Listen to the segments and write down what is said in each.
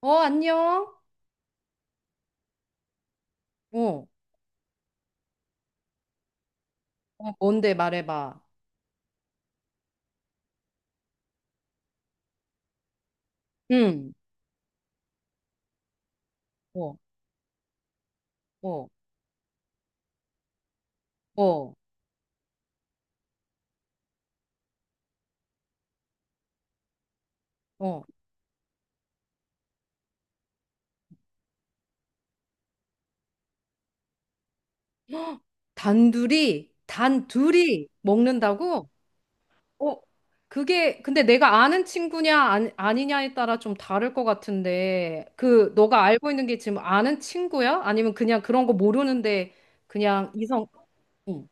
어, 안녕? 어, 어, 뭔데 말해봐. 응, 어, 어, 어, 어. 단둘이, 단둘이 먹는다고? 어, 그게, 근데 내가 아는 친구냐, 아니, 아니냐에 따라 좀 다를 것 같은데, 너가 알고 있는 게 지금 아는 친구야? 아니면 그냥 그런 거 모르는데, 그냥 이성, 응,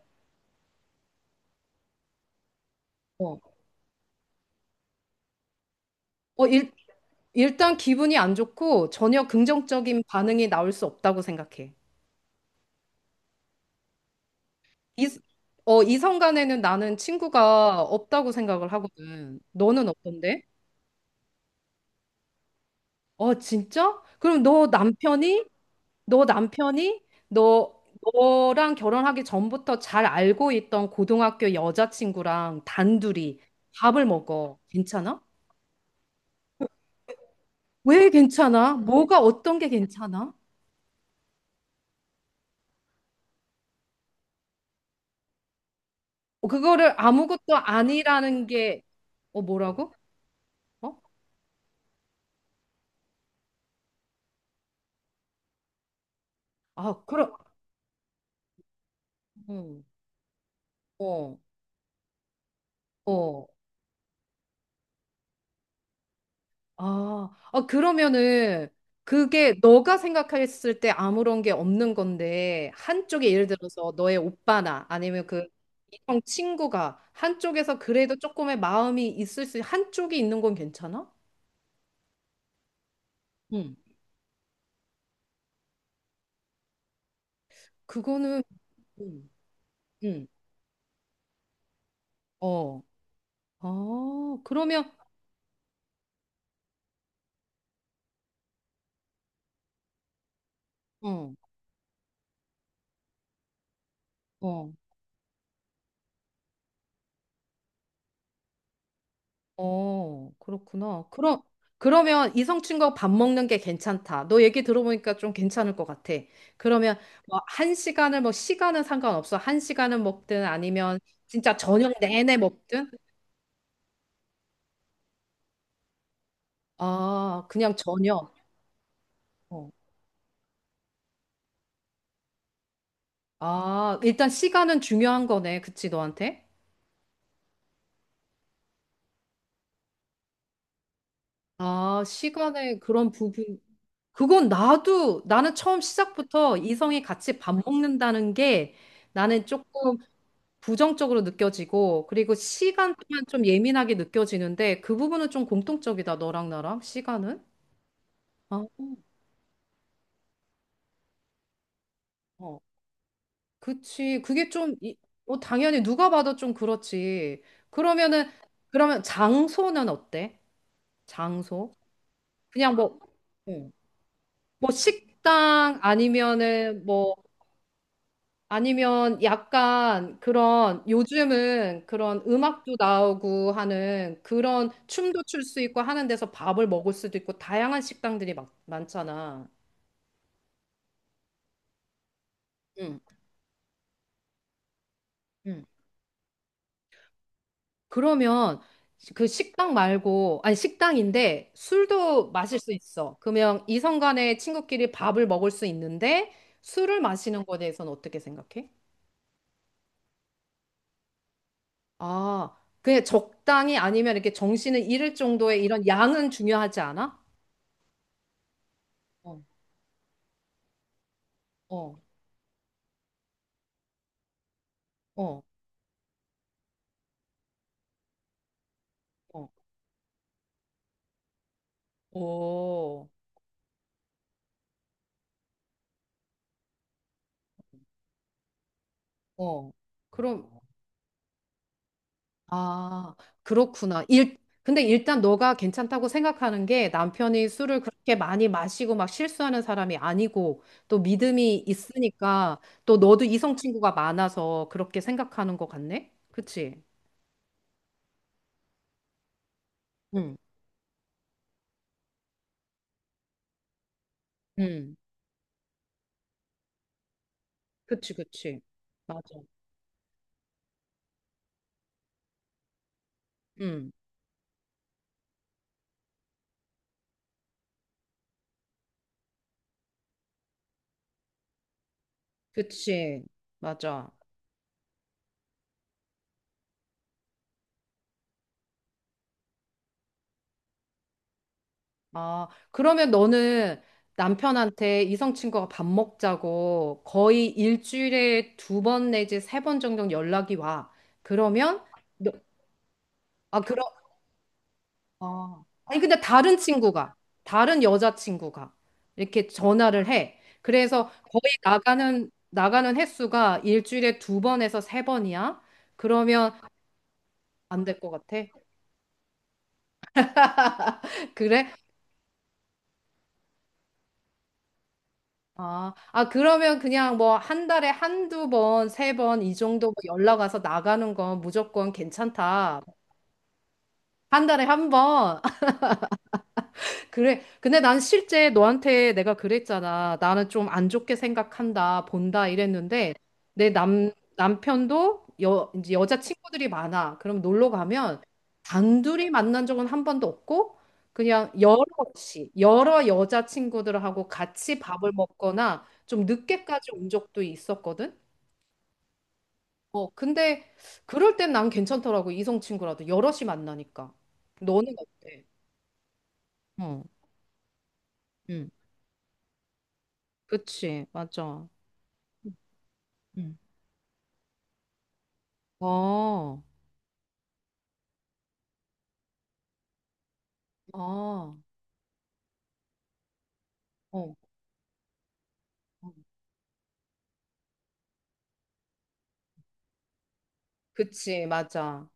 어. 어, 일, 일단 기분이 안 좋고, 전혀 긍정적인 반응이 나올 수 없다고 생각해. 이, 이성 간에는 나는 친구가 없다고 생각을 하거든. 너는 어떤데? 어, 진짜? 그럼 너 남편이, 너, 너랑 결혼하기 전부터 잘 알고 있던 고등학교 여자친구랑 단둘이 밥을 먹어. 괜찮아? 왜 괜찮아? 뭐가 어떤 게 괜찮아? 어, 그거를 아무것도 아니라는 게, 어, 뭐라고? 어? 아, 그럼, 어. 어, 어. 아, 아, 그러면은 그게 너가 생각했을 때 아무런 게 없는 건데 한쪽에 예를 들어서 너의 오빠나 아니면 그 이성 친구가 한쪽에서 그래도 조금의 마음이 있을 수 한쪽이 있는 건 괜찮아? 응. 그거는 응. 응. 어. 아, 그러면 어. 어. 어, 그렇구나. 그럼, 그러면 이성 친구하고 밥 먹는 게 괜찮다. 너 얘기 들어보니까 좀 괜찮을 것 같아. 그러면 뭐 한 시간을 뭐 시간은 상관없어. 한 시간은 먹든 아니면 진짜 저녁 내내 먹든. 아, 그냥 저녁. 어. 아, 일단 시간은 중요한 거네. 그치, 너한테? 아, 시간의 그런 부분. 그건 나는 처음 시작부터 이성이 같이 밥 먹는다는 게 나는 조금 부정적으로 느껴지고, 그리고 시간 또한 좀 예민하게 느껴지는데, 그 부분은 좀 공통적이다, 너랑 나랑, 시간은? 아, 어. 그치. 그게 좀, 당연히 누가 봐도 좀 그렇지. 그러면은, 그러면 장소는 어때? 장소? 그냥 뭐, 어, 뭐 식당 아니면은 뭐 아니면 약간 그런 요즘은 그런 음악도 나오고 하는 그런 춤도 출 수 있고 하는 데서 밥을 먹을 수도 있고 다양한 식당들이 막, 많잖아. 응, 응. 그러면 그 식당 말고 아니 식당인데 술도 마실 수 있어. 그러면 이성 간에 친구끼리 밥을 먹을 수 있는데 술을 마시는 거에 대해서는 어떻게 생각해? 아, 그냥 적당히 아니면 이렇게 정신을 잃을 정도의 이런 양은 중요하지 않아? 어, 어, 어. 어, 오, 어. 그럼, 아, 그렇구나. 근데 일단 너가 괜찮다고 생각하는 게 남편이 술을 그렇게 많이 마시고 막 실수하는 사람이 아니고 또 믿음이 있으니까 또 너도 이성 친구가 많아서 그렇게 생각하는 것 같네? 그치? 응. 응, 그치, 그치. 맞아. 응, 그치. 맞아. 아, 그러면 너는 남편한테 이성 친구가 밥 먹자고 거의 일주일에 2번 내지 3번 정도 연락이 와. 그러면 너, 아, 그럼 아. 아니 근데 다른 여자 친구가 이렇게 전화를 해. 그래서 거의 나가는 횟수가 일주일에 두 번에서 세 번이야. 그러면 안 될 것 같아. 그래? 아, 아, 그러면 그냥 뭐 한 달에 한두 번, 3번 이 정도 뭐 연락 와서 나가는 건 무조건 괜찮다. 1달에 1번. 그래. 근데 난 실제 너한테 내가 그랬잖아. 나는 좀 안 좋게 생각한다, 본다 이랬는데 내 남편도 이제 여자 친구들이 많아. 그럼 놀러 가면 단둘이 만난 적은 한 번도 없고 그냥 여러 여자 친구들하고 같이 밥을 먹거나 좀 늦게까지 온 적도 있었거든. 근데 그럴 땐 난 괜찮더라고. 이성 친구라도 여럿이 만나니까. 너는 어때? 어, 응, 그치, 맞아. 응, 어, 아, 어, 어. 그치, 맞아.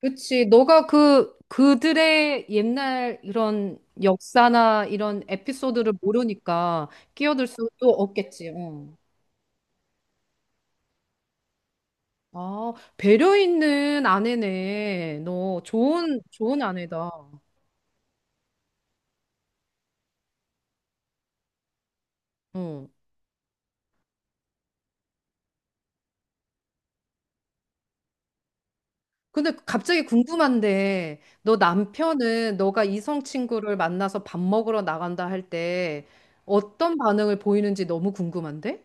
그치, 너가 그들의 옛날 이런 역사나 이런 에피소드를 모르니까 끼어들 수도 없겠지, 응. 아, 배려 있는 아내네. 너 좋은, 좋은 아내다. 응. 근데 갑자기 궁금한데, 너 남편은 너가 이성 친구를 만나서 밥 먹으러 나간다 할 때 어떤 반응을 보이는지 너무 궁금한데?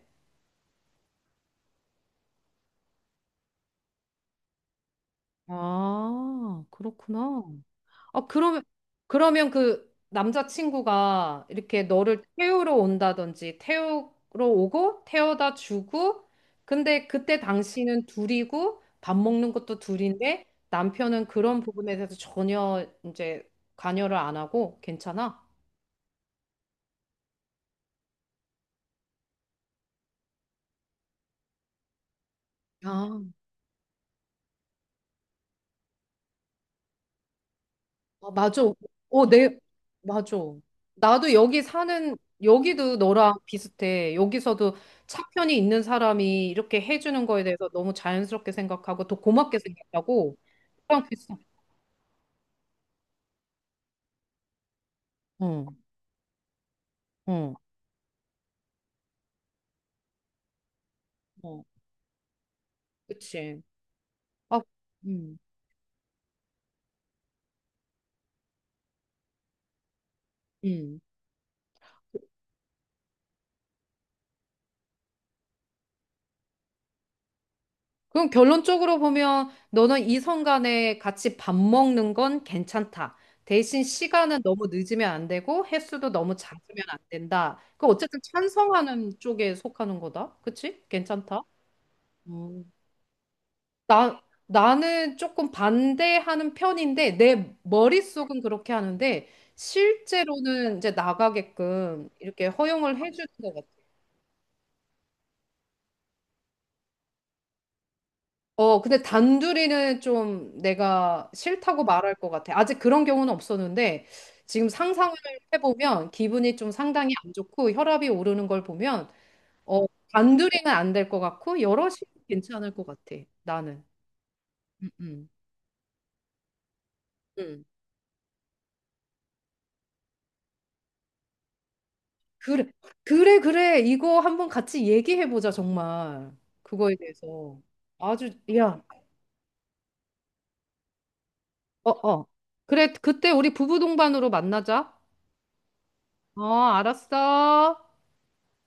아, 그렇구나. 아, 그러면 그 남자친구가 이렇게 너를 태우러 온다든지, 태우러 오고, 태워다 주고, 근데 그때 당신은 둘이고, 밥 먹는 것도 둘인데, 남편은 그런 부분에 대해서 전혀 이제 관여를 안 하고, 괜찮아? 아, 아, 맞아. 어, 내, 맞아. 나도 여기 사는, 여기도 너랑 비슷해. 여기서도 차편이 있는 사람이 이렇게 해주는 거에 대해서 너무 자연스럽게 생각하고 더 고맙게 생각하고. 그냥 비슷해. 응, 응, 어, 그치. 아, 응, 응. 그럼 결론적으로 보면 너는 이성 간에 같이 밥 먹는 건 괜찮다. 대신 시간은 너무 늦으면 안 되고 횟수도 너무 잦으면 안 된다. 어쨌든 찬성하는 쪽에 속하는 거다. 그치? 괜찮다. 음. 나, 나는 조금 반대하는 편인데 내 머릿속은 그렇게 하는데 실제로는 이제 나가게끔 이렇게 허용을 해주는 것 같아. 근데 단둘이는 좀 내가 싫다고 말할 것 같아. 아직 그런 경우는 없었는데 지금 상상을 해보면 기분이 좀 상당히 안 좋고 혈압이 오르는 걸 보면 어, 단둘이는 안 될 것 같고 여럿이 괜찮을 것 같아. 나는. 음, 음, 음. 그래, 그래, 그래. 이거 한번 같이 얘기해보자, 정말. 그거에 대해서. 아주, 야, 어, 어. 그래, 그때 우리 부부 동반으로 만나자. 어, 알았어.